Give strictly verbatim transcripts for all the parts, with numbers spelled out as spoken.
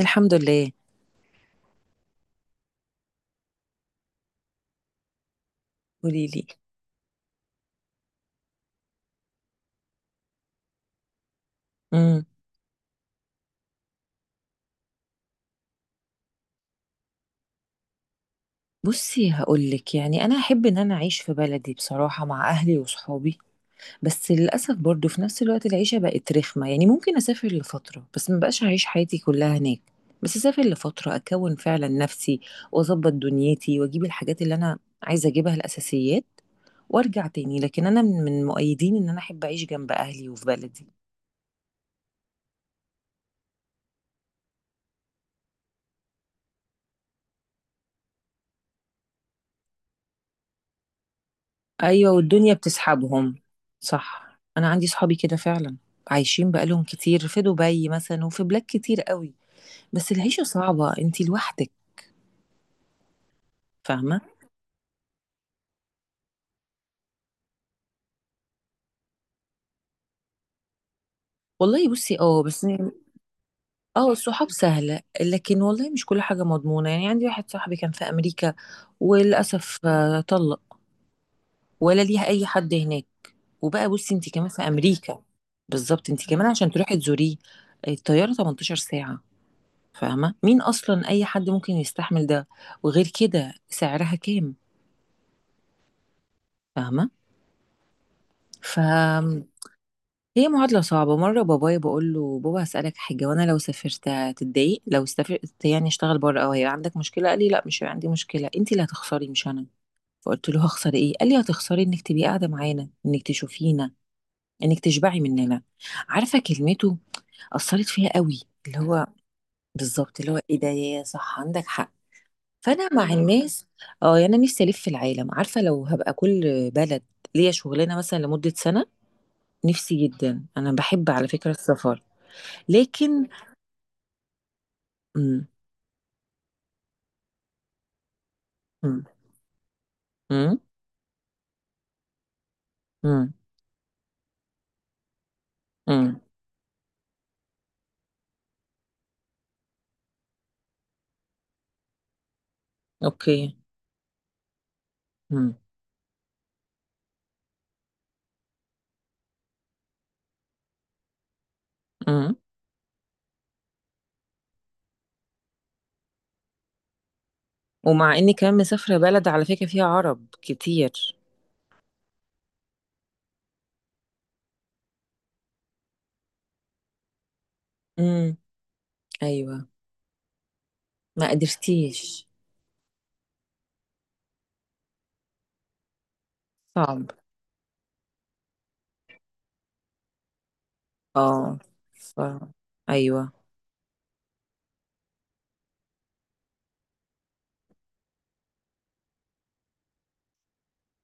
الحمد لله. قولي لي. امم. بصي، هقول لك، يعني انا احب ان انا اعيش في بلدي بصراحه مع اهلي وصحابي. بس للاسف برضو في نفس الوقت العيشه بقت رخمه، يعني ممكن اسافر لفتره، بس ما بقاش هعيش حياتي كلها هناك. بس اسافر لفتره اكون فعلا نفسي، واظبط دنيتي، واجيب الحاجات اللي انا عايزه اجيبها، الاساسيات، وارجع تاني. لكن انا من من مؤيدين ان انا احب اعيش جنب اهلي وفي بلدي. ايوه، والدنيا بتسحبهم. صح، انا عندي صحابي كده فعلا، عايشين بقالهم كتير في دبي مثلا وفي بلاد كتير قوي. بس العيشه صعبه انتي لوحدك. فاهمه. والله بصي، اه، بس. اه، الصحاب سهله، لكن والله مش كل حاجه مضمونه. يعني عندي واحد صاحبي كان في امريكا، وللاسف آه، طلق، ولا ليها اي حد هناك. وبقى بصي، انتي كمان في امريكا، بالظبط، انتي كمان عشان تروحي تزوريه، الطياره ثمانية عشرة ساعة ساعه. فاهمة، مين أصلا أي حد ممكن يستحمل ده؟ وغير كده سعرها كام؟ فاهمة. فهي معادلة صعبة. مرة بابايا بقول له: بابا هسألك حاجة، وأنا لو سافرت هتتضايق؟ لو سافرت يعني اشتغل بره، أو هيبقى عندك مشكلة؟ قال لي: لا، مش هيبقى عندي مشكلة، أنت اللي هتخسري مش أنا. فقلت له: هخسر إيه؟ قال لي: هتخسري إنك تبقي قاعدة معانا، إنك تشوفينا، إنك تشبعي مننا. عارفة، كلمته أثرت فيها قوي، اللي هو بالظبط، اللي هو إيه ده، يا صح عندك حق. فانا مع الناس. اه، يعني أنا نفسي الف في العالم، عارفه لو هبقى كل بلد ليا شغلانه مثلا لمده سنه، نفسي جدا. انا بحب على فكره السفر، لكن. مم. مم. مم. مم. مم. اوكي. مم. مم. ومع اني كمان مسافره بلد على فكره فيها عرب كتير. مم. ايوه. ما قدرتيش. صعب. اه. صعب. ايوه.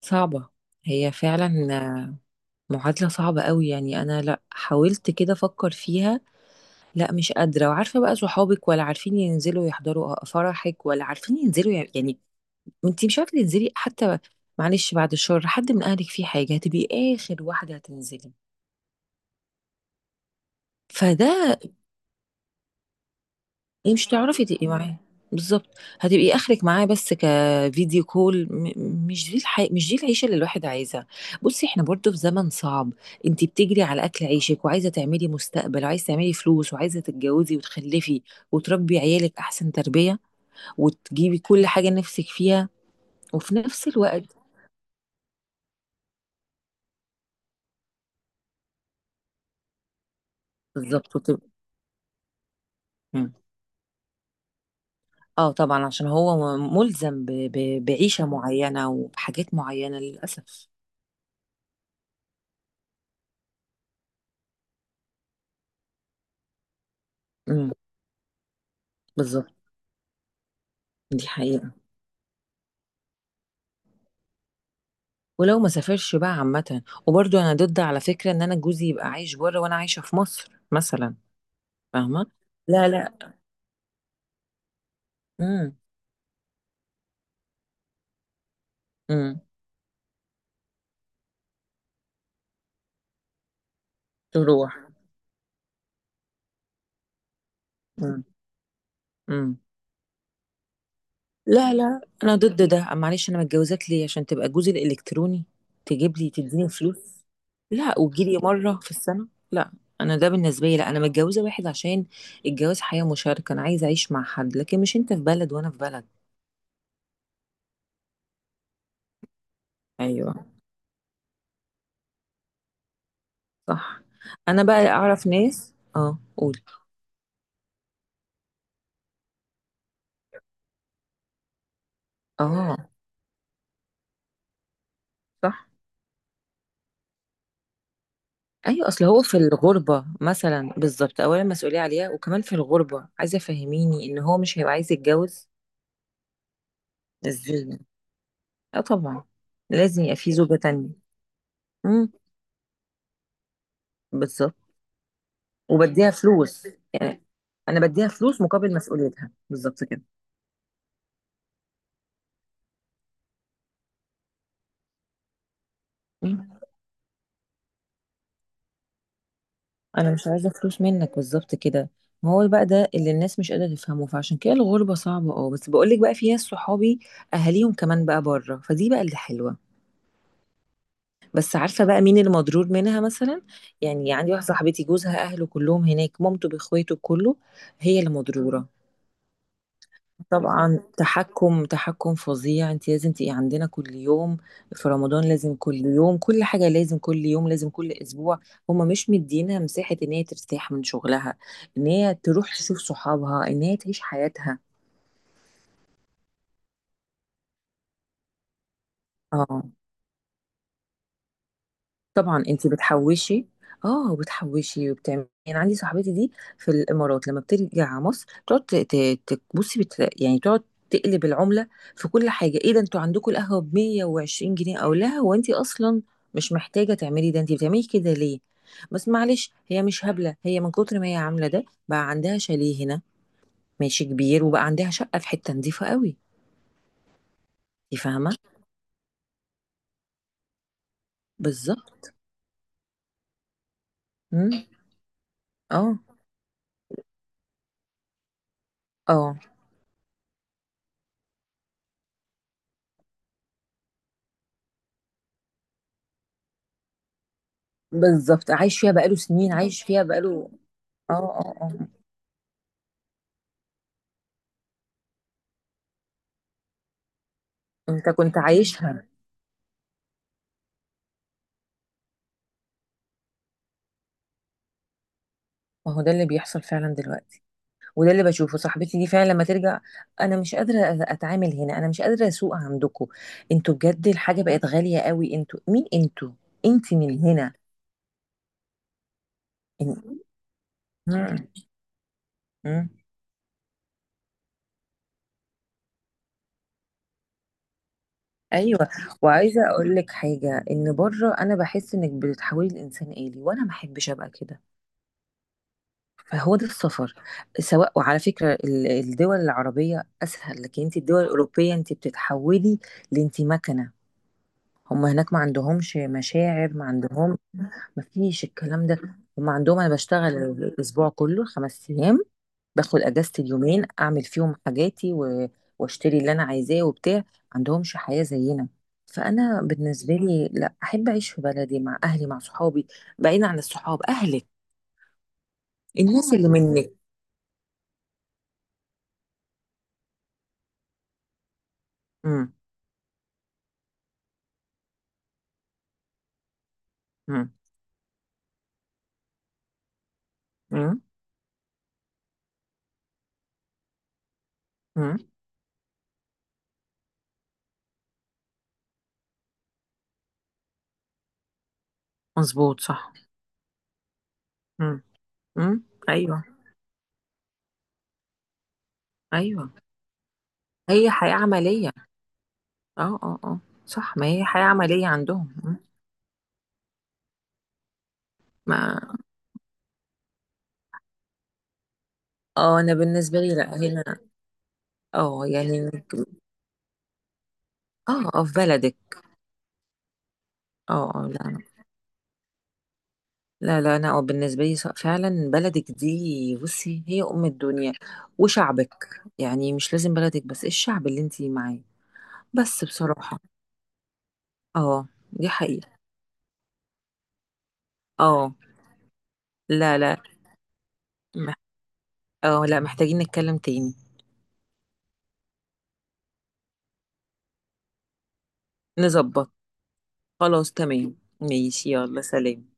صعبه هي فعلا، معادلة صعبة قوي. يعني أنا لأ، حاولت كده أفكر فيها، لأ مش قادرة. وعارفة بقى، صحابك ولا عارفين ينزلوا يحضروا فرحك، ولا عارفين ينزلوا ي- يعني أنتي مش عارفة تنزلي حتى. معلش، بعد الشر حد من أهلك فيه حاجة، هتبقي آخر واحدة هتنزلي. فده. إيه، مش هتعرفي تبقي معاه، بالظبط، هتبقي اخرك معاه بس كفيديو كول. م- مش دي الحي... مش دي العيشه اللي الواحد عايزها. بصي، احنا برضو في زمن صعب. انت بتجري على اكل عيشك، وعايزه تعملي مستقبل، وعايزه تعملي فلوس، وعايزه تتجوزي وتخلفي، وتربي عيالك احسن تربيه، وتجيبي كل حاجه نفسك فيها. وفي نفس الوقت، بالظبط، وتبقى. مم. اه طبعا، عشان هو ملزم ب... ب... بعيشه معينه وبحاجات معينه، للاسف. امم. بالظبط. دي حقيقه. ولو ما سافرش بقى عامة. وبرضو أنا ضد على فكرة إن أنا جوزي يبقى عايش بره وأنا عايشة في مصر مثلا. فاهمة؟ لا لا. امم. امم. تروح. امم. امم. لا لا، أنا ضد ده. معلش، أنا متجوزاك ليه؟ عشان تبقى جوزي الإلكتروني؟ تجيب لي، تديني فلوس؟ لا، وتجيلي مرة في السنة؟ لا. أنا ده بالنسبة لي لا، أنا متجوزة واحد عشان الجواز حياة مشاركة، أنا عايزة أعيش مع حد، لكن مش أنت في بلد وأنا في بلد. أيوه. صح. أنا بقى أعرف ناس، اه قول. اه. صح. ايوه، اصل هو في الغربه مثلا، بالظبط، اولا مسؤوليه عليها، وكمان في الغربه، عايزه فهميني ان هو مش هيبقى عايز يتجوز؟ ازاي يعني؟ اه طبعا، لازم يبقى في زوجه تانية. امم. بالظبط. وبديها فلوس يعني، انا بديها فلوس مقابل مسؤوليتها، بالظبط كده. مم. انا مش عايزه فلوس منك، بالظبط كده. ما هو بقى ده اللي الناس مش قادره تفهمه، فعشان كده الغربه صعبه. اه بس بقول لك، بقى في ناس صحابي اهاليهم كمان بقى بره، فدي بقى اللي حلوه. بس عارفة بقى مين المضرور منها مثلا؟ يعني عندي واحدة صاحبتي جوزها أهله كلهم هناك، مامته بإخواته كله، هي اللي مضرورة. طبعا، تحكم تحكم فظيع. انت لازم تبقي عندنا كل يوم، في رمضان لازم كل يوم، كل حاجة لازم كل يوم، لازم كل أسبوع. هما مش مدينها مساحة إن هي ترتاح من شغلها، إن هي تروح تشوف صحابها، إن هي تعيش حياتها. اه. طبعا، انت بتحوشي. اه وبتحوشي وبتعملي. يعني عندي صاحبتي دي في الامارات، لما بترجع مصر تقعد ت- ت- ت- بصي، بت... يعني تقعد تقلب العمله في كل حاجه: ايه ده، انتوا عندكم القهوه ب مية وعشرين جنيه؟ او لا، هو انت اصلا مش محتاجه تعملي ده، انت بتعملي كده ليه؟ بس معلش، هي مش هبله، هي من كتر ما هي عامله ده بقى عندها شاليه هنا ماشي كبير، وبقى عندها شقه في حته نظيفه قوي. انت فاهمه. بالظبط. مم. اه. اه. بالظبط، عايش فيها بقاله سنين، عايش فيها بقاله. اه اه اه. انت كنت عايشها. ما هو ده اللي بيحصل فعلا دلوقتي، وده اللي بشوفه صاحبتي دي فعلا لما ترجع. انا مش قادره أ- اتعامل هنا، انا مش قادره اسوق عندكم، انتوا بجد الحاجه بقت غاليه قوي، انتوا مين، انتوا. انت من هنا. إن- مم. مم. ايوه، وعايزه اقول لك حاجه، ان بره انا بحس انك بتحولي الانسان آلي، وانا ما احبش ابقى كده. فهو ده السفر، سواء. وعلى فكره ال- الدول العربيه اسهل، لكن انت الدول الاوروبيه انت بتتحولي لانت مكنه. هم هناك ما عندهمش مشاعر، ما عندهم، ما فيش الكلام ده. هم عندهم انا بشتغل الاسبوع كله خمس ايام، باخد اجازة اليومين اعمل فيهم حاجاتي، و... واشتري اللي انا عايزاه وبتاع. ما عندهمش حياة زينا. فانا بالنسبة لي لا، احب اعيش في بلدي مع اهلي مع صحابي، بعيد عن الصحاب، اهلك، الناس اللي منك. امم. امم. امم. امم. مظبوط، صح. امم. امم. ايوه. ايوه، هي حياة عملية. اه اه اه. صح، ما هي حياة عملية عندهم. م. ما. اه، انا بالنسبة لي لا هنا. اه يعني إنك- اه اه، في بلدك. اه اه. لا لا. لا انا اه بالنسبة لي، ص- فعلا بلدك دي بصي هي ام الدنيا. وشعبك، يعني مش لازم بلدك بس، الشعب اللي انتي معاه. بس بصراحة. اه. دي حقيقة. اه. لا لا. مح- اه لا، محتاجين نتكلم تاني. نظبط. خلاص تمام. ماشي، يلا سلام.